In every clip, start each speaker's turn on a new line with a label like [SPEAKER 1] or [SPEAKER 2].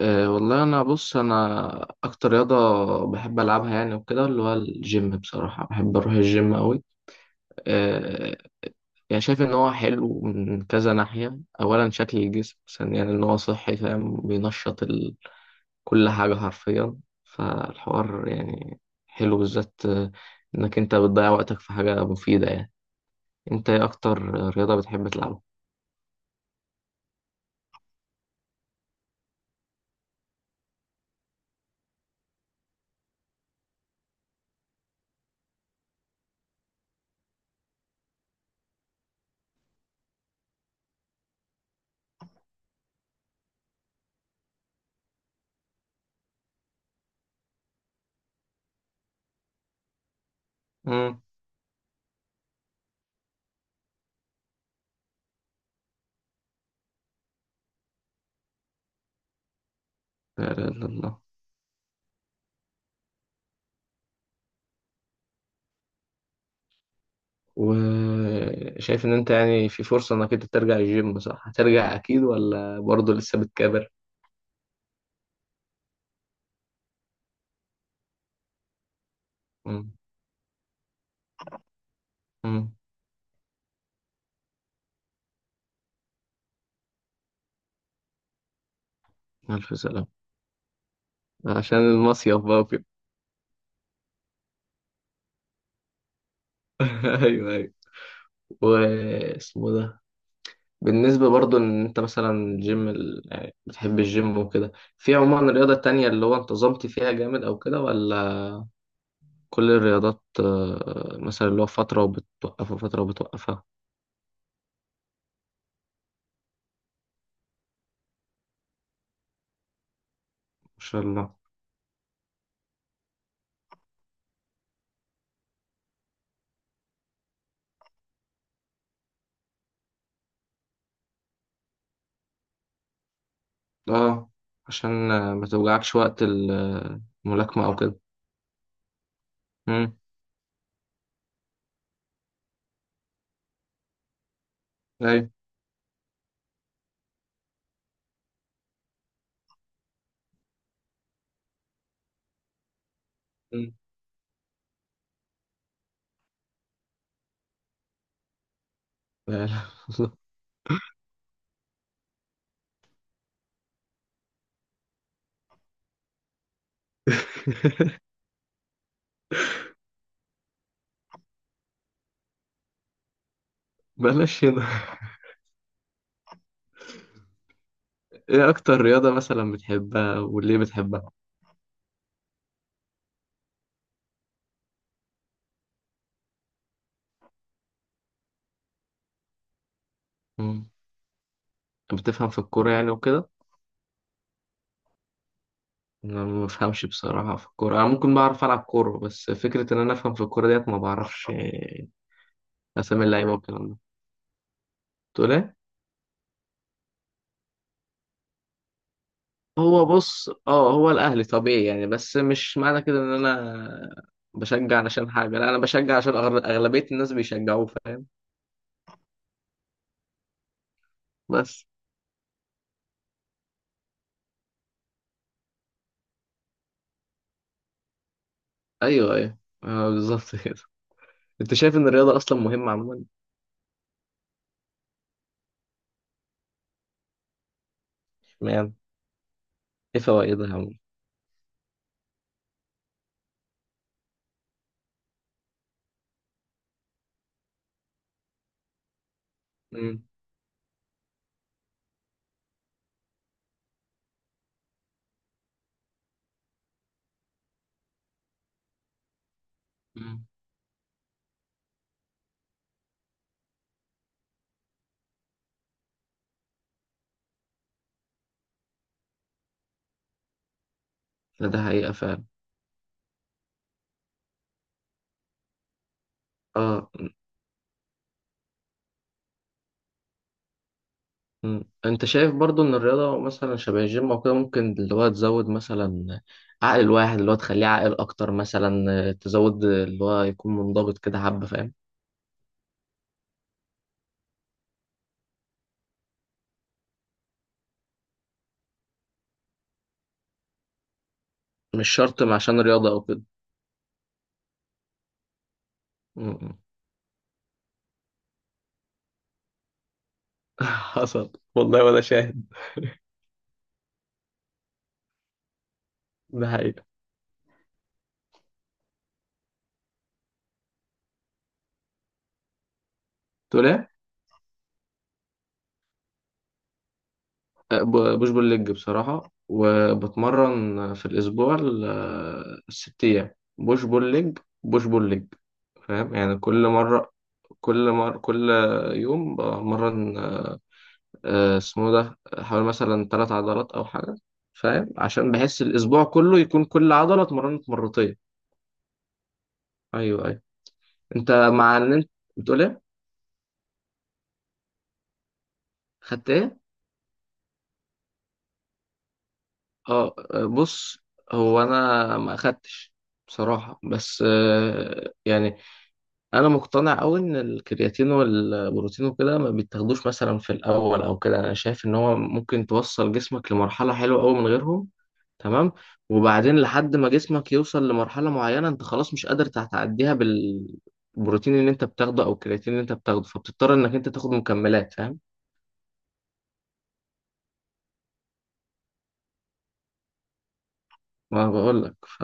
[SPEAKER 1] أه والله، انا بص، انا اكتر رياضه بحب العبها يعني وكده اللي هو الجيم. بصراحه بحب اروح الجيم قوي. أه، يعني شايف ان هو حلو من كذا ناحيه، اولا شكل الجسم، ثانيا ان هو صحي، فاهم، بينشط كل حاجه حرفيا، فالحوار يعني حلو بالذات، انك انت بتضيع وقتك في حاجه مفيده يعني. انت ايه اكتر رياضه بتحب تلعبها؟ امم. لا، لا، لا. وشايف إن أنت يعني في فرصة إنك أنت ترجع الجيم صح؟ هترجع أكيد ولا برضه لسه بتكابر؟ مم. مم. ألف سلامة. عشان المصيف بقى وكده. أيوه، أيوه، واسمه ده. بالنسبة برضه إن أنت مثلا الجيم يعني بتحب الجيم وكده، في عموما رياضة تانية اللي هو انتظمت فيها جامد أو كده ولا؟ كل الرياضات مثلا اللي هو فترة وبتوقفها، فترة وبتوقفها؟ ما شاء الله. اه، عشان ما توجعكش وقت الملاكمة أو كده. امم. ايوه. مم. لا، لا. والله. بلاش هنا. ايه اكتر رياضة مثلا بتحبها وليه بتحبها؟ مم. بتفهم في الكورة يعني وكده؟ انا ما بفهمش بصراحة في الكورة. انا ممكن بعرف العب كورة، بس فكرة ان انا افهم في الكورة ديت ما بعرفش. إيه، اسامي اللعيبة والكلام ده، تقول ايه؟ هو بص، اه هو الاهلي طبيعي يعني، بس مش معنى كده ان انا بشجع علشان حاجة، لا انا بشجع عشان اغلبية الناس بيشجعوه، فاهم. بس، ايوه، ايوه، بالظبط كده. انت شايف ان الرياضه اصلا مهمه عموما؟ اشمعنى؟ ايه فوائدها عموما؟ امم. امم. ده حقيقه فعلا. اه. امم. انت شايف برضو ان الرياضه مثلا شبه الجيم او كده ممكن اللي هو تزود مثلا عقل الواحد، اللي هو تخليه عاقل اكتر مثلا، تزود اللي هو يكون منضبط كده حبه، فاهم؟ مش شرط عشان رياضه او كده. امم. حصل والله ولا شاهد؟ ده حقيقه. تقول ايه؟ أه، بوش بول ليج بصراحة، وبتمرن في الأسبوع الست أيام. بوش بول ليج، بوش بول ليج. فاهم يعني، كل مرة، كل مرة، كل يوم بمرن اسمه ده حوالي مثلا تلات عضلات أو حاجة. فاهم، عشان بحس الأسبوع كله يكون كل عضلة اتمرنت مرتين. أيوه، أيوه. أنت، مع إن أنت بتقول إيه؟ خدت إيه؟ أه، بص، هو أنا ما أخدتش بصراحة، بس يعني. انا مقتنع قوي ان الكرياتين والبروتين وكده ما بيتاخدوش مثلا في الاول او كده. انا شايف ان هو ممكن توصل جسمك لمرحله حلوه قوي من غيرهم. تمام. وبعدين لحد ما جسمك يوصل لمرحله معينه، انت خلاص مش قادر تعديها بالبروتين اللي انت بتاخده او الكرياتين اللي انت بتاخده، فبتضطر انك انت تاخد مكملات، فاهم. ما بقول لك ف.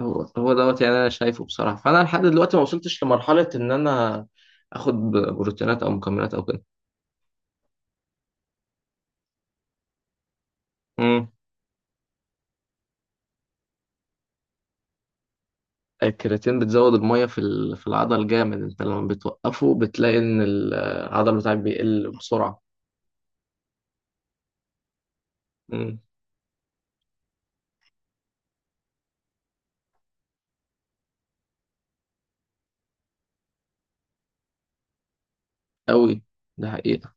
[SPEAKER 1] هو دوت يعني، انا شايفه بصراحه. فانا لحد دلوقتي ما وصلتش لمرحله ان انا اخد بروتينات او مكملات او كده. الكرياتين بتزود المية في العضل جامد. انت لما بتوقفه بتلاقي ان العضل بتاعك بيقل بسرعة. امم. قوي. ده حقيقة.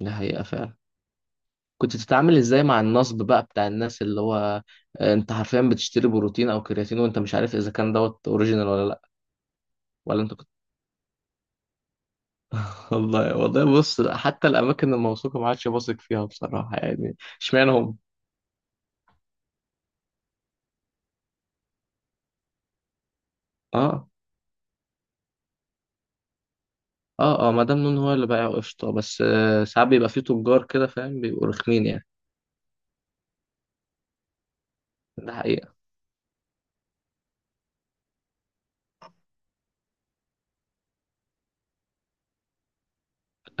[SPEAKER 1] ده حقيقة فعلا. كنت بتتعامل ازاي مع النصب بقى بتاع الناس، اللي هو انت حرفيا بتشتري بروتين او كرياتين وانت مش عارف اذا كان دوت اوريجينال ولا لا؟ ولا انت كنت؟ والله، والله، بص حتى الاماكن الموثوقة ما عادش بثق فيها بصراحة يعني. اشمعنى هم؟ اه، اه، اه، مدام نون هو اللي بايع قشطة، بس ساعات بيبقى فيه تجار كده، فاهم، بيبقوا رخمين يعني. ده حقيقة.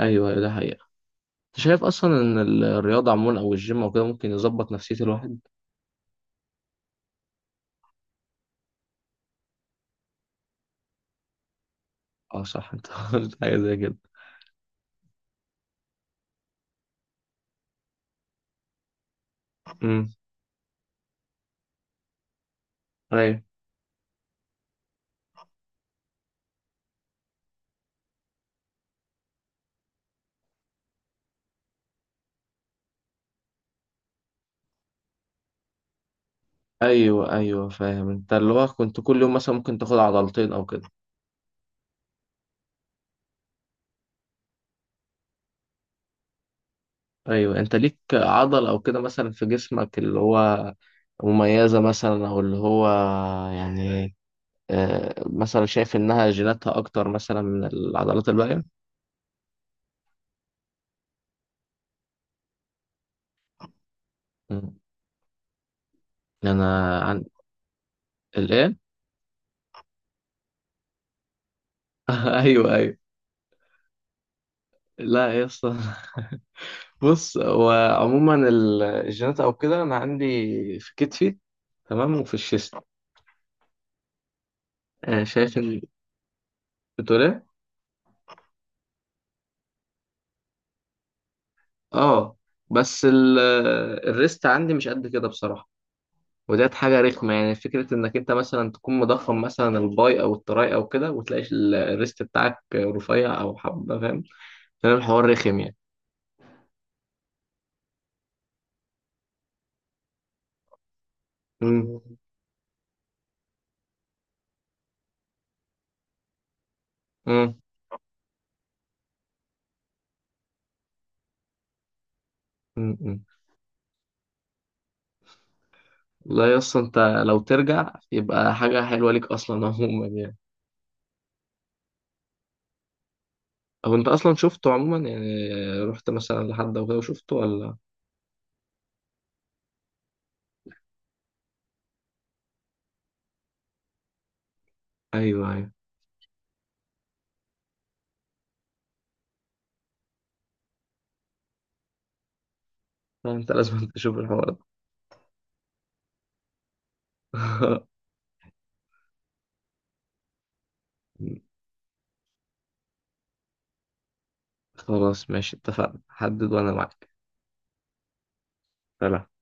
[SPEAKER 1] ايوه، ايوه، ده حقيقة. انت شايف اصلا ان الرياضة عموما او الجيم او كده ممكن يظبط نفسية الواحد؟ اه، صح، انت قلت حاجة زي كده. امم. ايوه، ايوه، ايوه، فاهم، انت اللي هو كنت كل يوم مثلا ممكن تاخد عضلتين او كده؟ ايوه، انت ليك عضل او كده مثلا في جسمك اللي هو مميزة مثلا، او اللي هو يعني مثلا شايف انها جيناتها اكتر مثلا من العضلات الباقية؟ مم. انا عن. الايه؟ ايوه، ايوه. لا يا اسطى. بص، هو عموما الجينات او كده، انا عندي في كتفي تمام، وفي الشيست. شايف ان. بتقول ايه؟ اه، بس الريست عندي مش قد كده بصراحه. وديت حاجه رخمه يعني، فكره انك انت مثلا تكون مضخم مثلا الباي او التراي او كده، وتلاقي الريست بتاعك رفيع او حبه، فاهم. فاهم الحوار رخم يعني. مم. مم. مم. مم. لا يا اسطى، انت لو ترجع يبقى حاجه حلوه ليك اصلا عموما يعني. هو انت اصلا شفته عموما يعني؟ رحت مثلا لحد او كده وشفته ولا؟ ايوه، ايوه. لا، انت لازم تشوف الحوار ده. خلاص، ماشي، اتفقنا، حدد وانا معاك. سلام.